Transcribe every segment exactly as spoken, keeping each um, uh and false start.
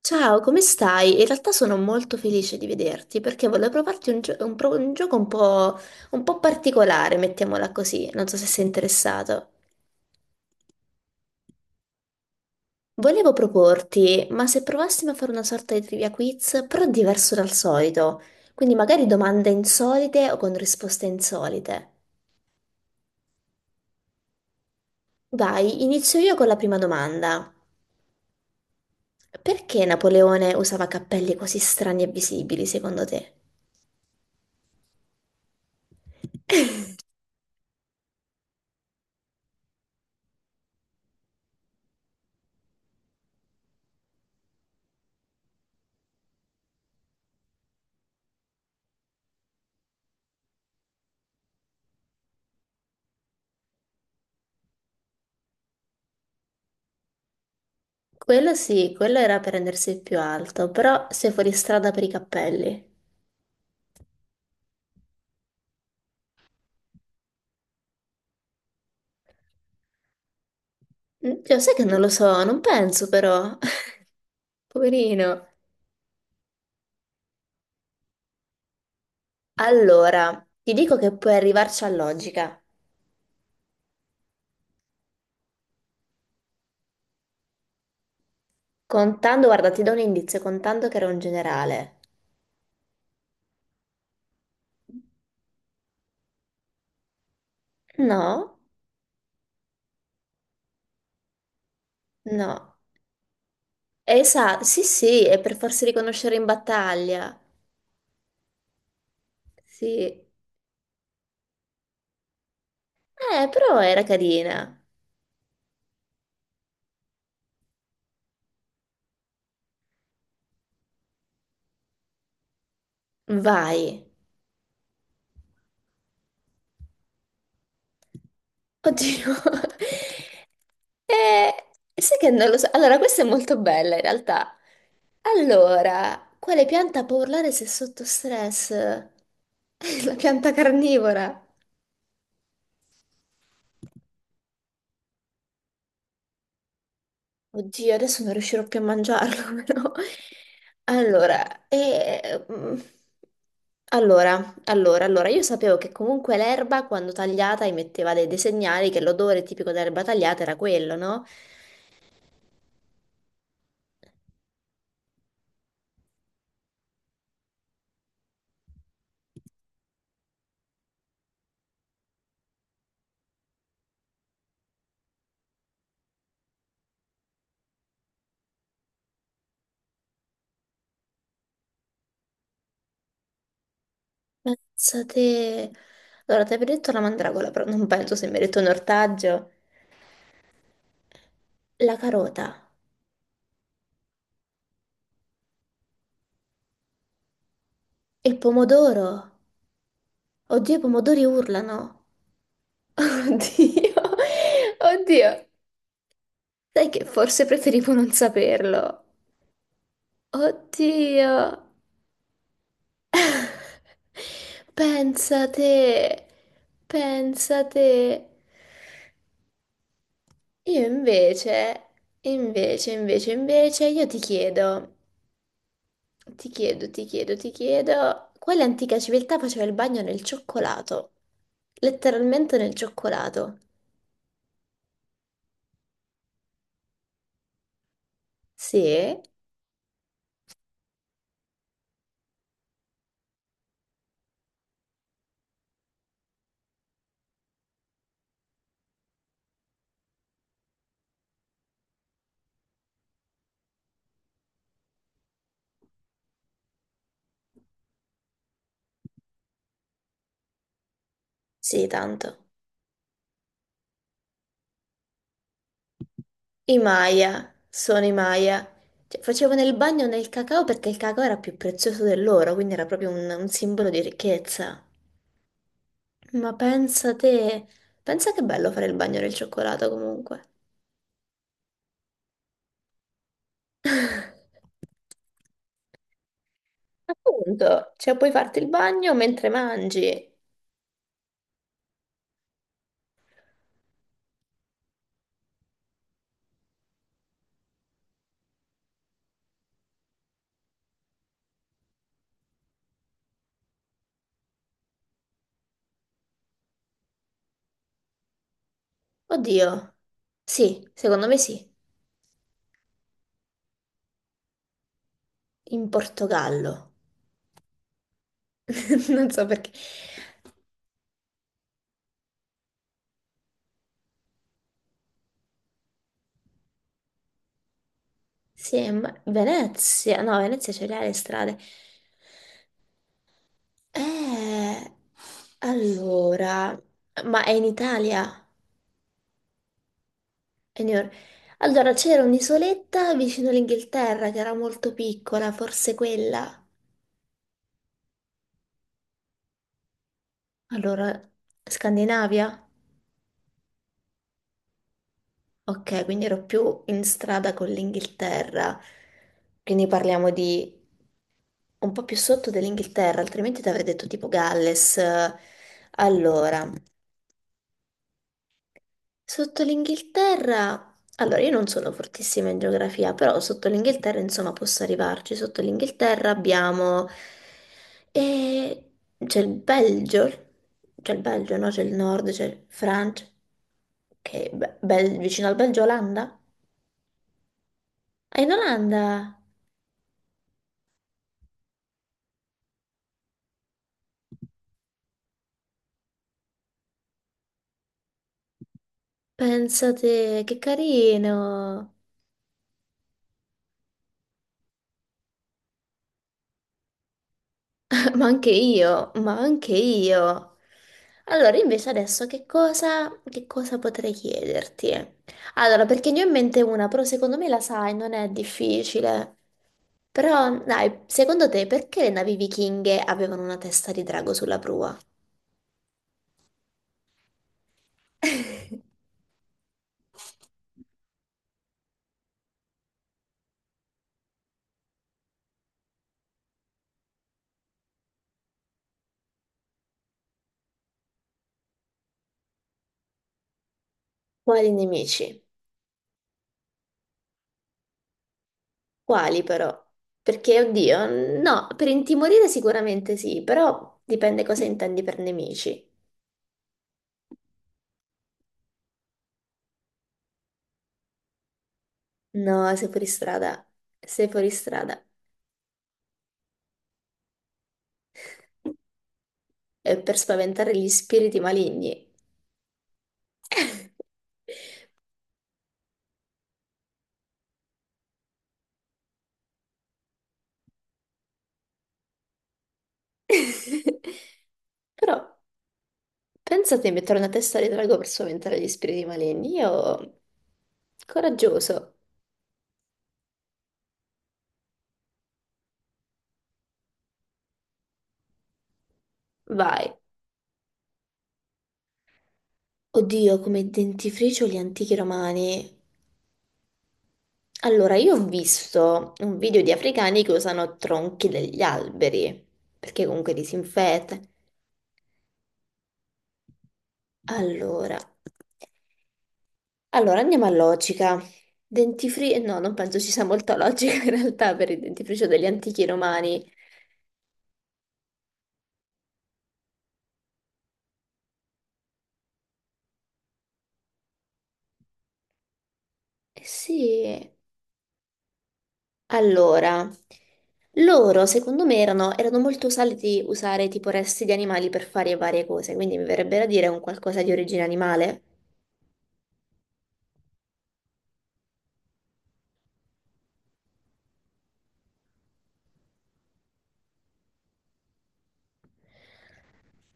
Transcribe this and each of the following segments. Ciao, come stai? In realtà sono molto felice di vederti perché volevo provarti un, gio- un pro- un gioco un po', un po' particolare, mettiamola così, non so se sei interessato. Volevo proporti, ma se provassimo a fare una sorta di trivia quiz, però diverso dal solito, quindi magari domande insolite o con risposte insolite. Vai, inizio io con la prima domanda. Perché Napoleone usava cappelli così strani e visibili, secondo te? Quello sì, quello era per rendersi il più alto, però sei fuori strada per i cappelli. Mm, cioè, sai che non lo so, non penso però. Poverino. Allora, ti dico che puoi arrivarci a logica. Contando, guarda, ti do un indizio, contando che era un generale. No, no. Esatto, sì, sì, è per farsi riconoscere in battaglia. Sì. Eh, però era carina. Vai. Oddio. Eh, Sai che non lo so. Allora, questa è molto bella in realtà. Allora, quale pianta può urlare se è sotto stress? La pianta carnivora. Oddio, adesso non riuscirò più a mangiarlo, però. Allora, eh, mm, allora, allora, allora, io sapevo che comunque l'erba quando tagliata emetteva dei, dei segnali che l'odore tipico dell'erba tagliata era quello, no? Pensa te. Allora, ti avevo detto la mandragola, però non penso se mi hai detto un ortaggio. La carota, il pomodoro. Oddio, i pomodori urlano. Oddio, oddio. Sai che forse preferivo non saperlo. Oddio. Pensa te, pensa te. Io invece, invece, invece, invece, io ti chiedo. Ti chiedo, ti chiedo, ti chiedo, quale antica civiltà faceva il bagno nel cioccolato? Letteralmente nel cioccolato. Sì, sì, tanto. I Maya, sono i Maya. Cioè, facevano il bagno nel cacao perché il cacao era più prezioso dell'oro, quindi era proprio un, un simbolo di ricchezza. Ma pensa te, pensa che bello fare il bagno nel cioccolato comunque. Appunto, cioè puoi farti il bagno mentre mangi. Oddio. Sì, secondo me sì. In Portogallo. Non so perché. Sì, ma Venezia, no, Venezia ce le ha le strade. Eh, allora, ma è in Italia? È in Eur- Allora, c'era un'isoletta vicino all'Inghilterra che era molto piccola, forse quella. Allora, Scandinavia? Ok, quindi ero più in strada con l'Inghilterra, quindi parliamo di un po' più sotto dell'Inghilterra, altrimenti ti avrei detto tipo Galles. Allora, sotto l'Inghilterra, allora io non sono fortissima in geografia, però sotto l'Inghilterra insomma posso arrivarci. Sotto l'Inghilterra abbiamo. E c'è il Belgio, c'è il Belgio, no? C'è il nord, c'è Francia, che è be- bel- vicino al Belgio, Olanda. Ah, in Olanda? Pensate, che carino! Ma anche io, ma anche io. Allora, invece adesso che cosa, che cosa potrei chiederti? Allora, perché ne ho in mente una, però secondo me la sai, non è difficile. Però, dai, secondo te perché le navi vichinghe avevano una testa di drago sulla prua? Quali nemici? Quali però? Perché, oddio, no, per intimorire sicuramente sì, però dipende cosa intendi per nemici. No, sei fuori strada, sei fuori strada. È per spaventare gli spiriti maligni. Però pensate di mettere una testa di drago per spaventare gli spiriti maligni. Io, coraggioso, vai. Oddio, come dentifricio gli antichi romani. Allora, io ho visto un video di africani che usano tronchi degli alberi, perché comunque disinfetta. Allora, allora andiamo a logica. Dentifricio, no, non penso ci sia molta logica in realtà per il dentifricio degli antichi romani. Eh sì, allora, loro secondo me erano, erano molto usati usare tipo resti di animali per fare varie cose, quindi mi verrebbe da dire un qualcosa di origine animale.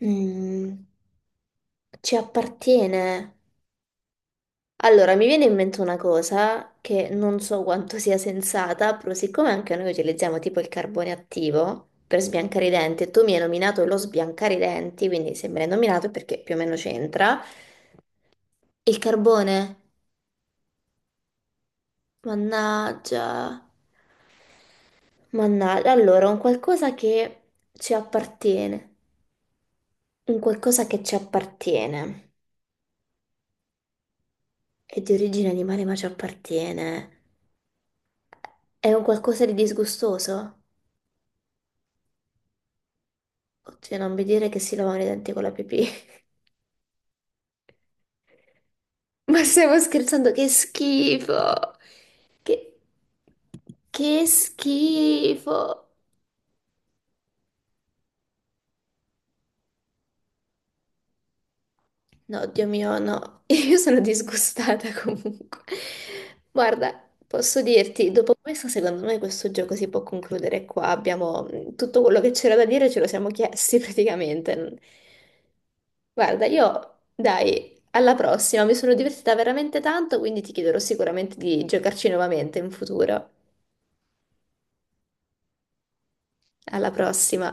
Mm, ci appartiene. Allora, mi viene in mente una cosa che non so quanto sia sensata, però siccome anche noi utilizziamo tipo il carbone attivo per sbiancare i denti, e tu mi hai nominato lo sbiancare i denti, quindi se me l'hai nominato è perché più o meno c'entra, il carbone, mannaggia, mannaggia, allora, un qualcosa che ci appartiene, un qualcosa che ci appartiene, è di origine animale ma ci appartiene, è un qualcosa di disgustoso? Oddio, non mi dire che si lavano i denti con la pipì. Ma stiamo scherzando, che schifo! Che, che schifo! No, Dio mio, no, io sono disgustata comunque. Guarda, posso dirti, dopo questo, secondo me questo gioco si può concludere qua. Abbiamo mh, tutto quello che c'era da dire, ce lo siamo chiesti praticamente. Guarda, io, dai, alla prossima, mi sono divertita veramente tanto, quindi ti chiederò sicuramente di giocarci nuovamente in futuro. Alla prossima.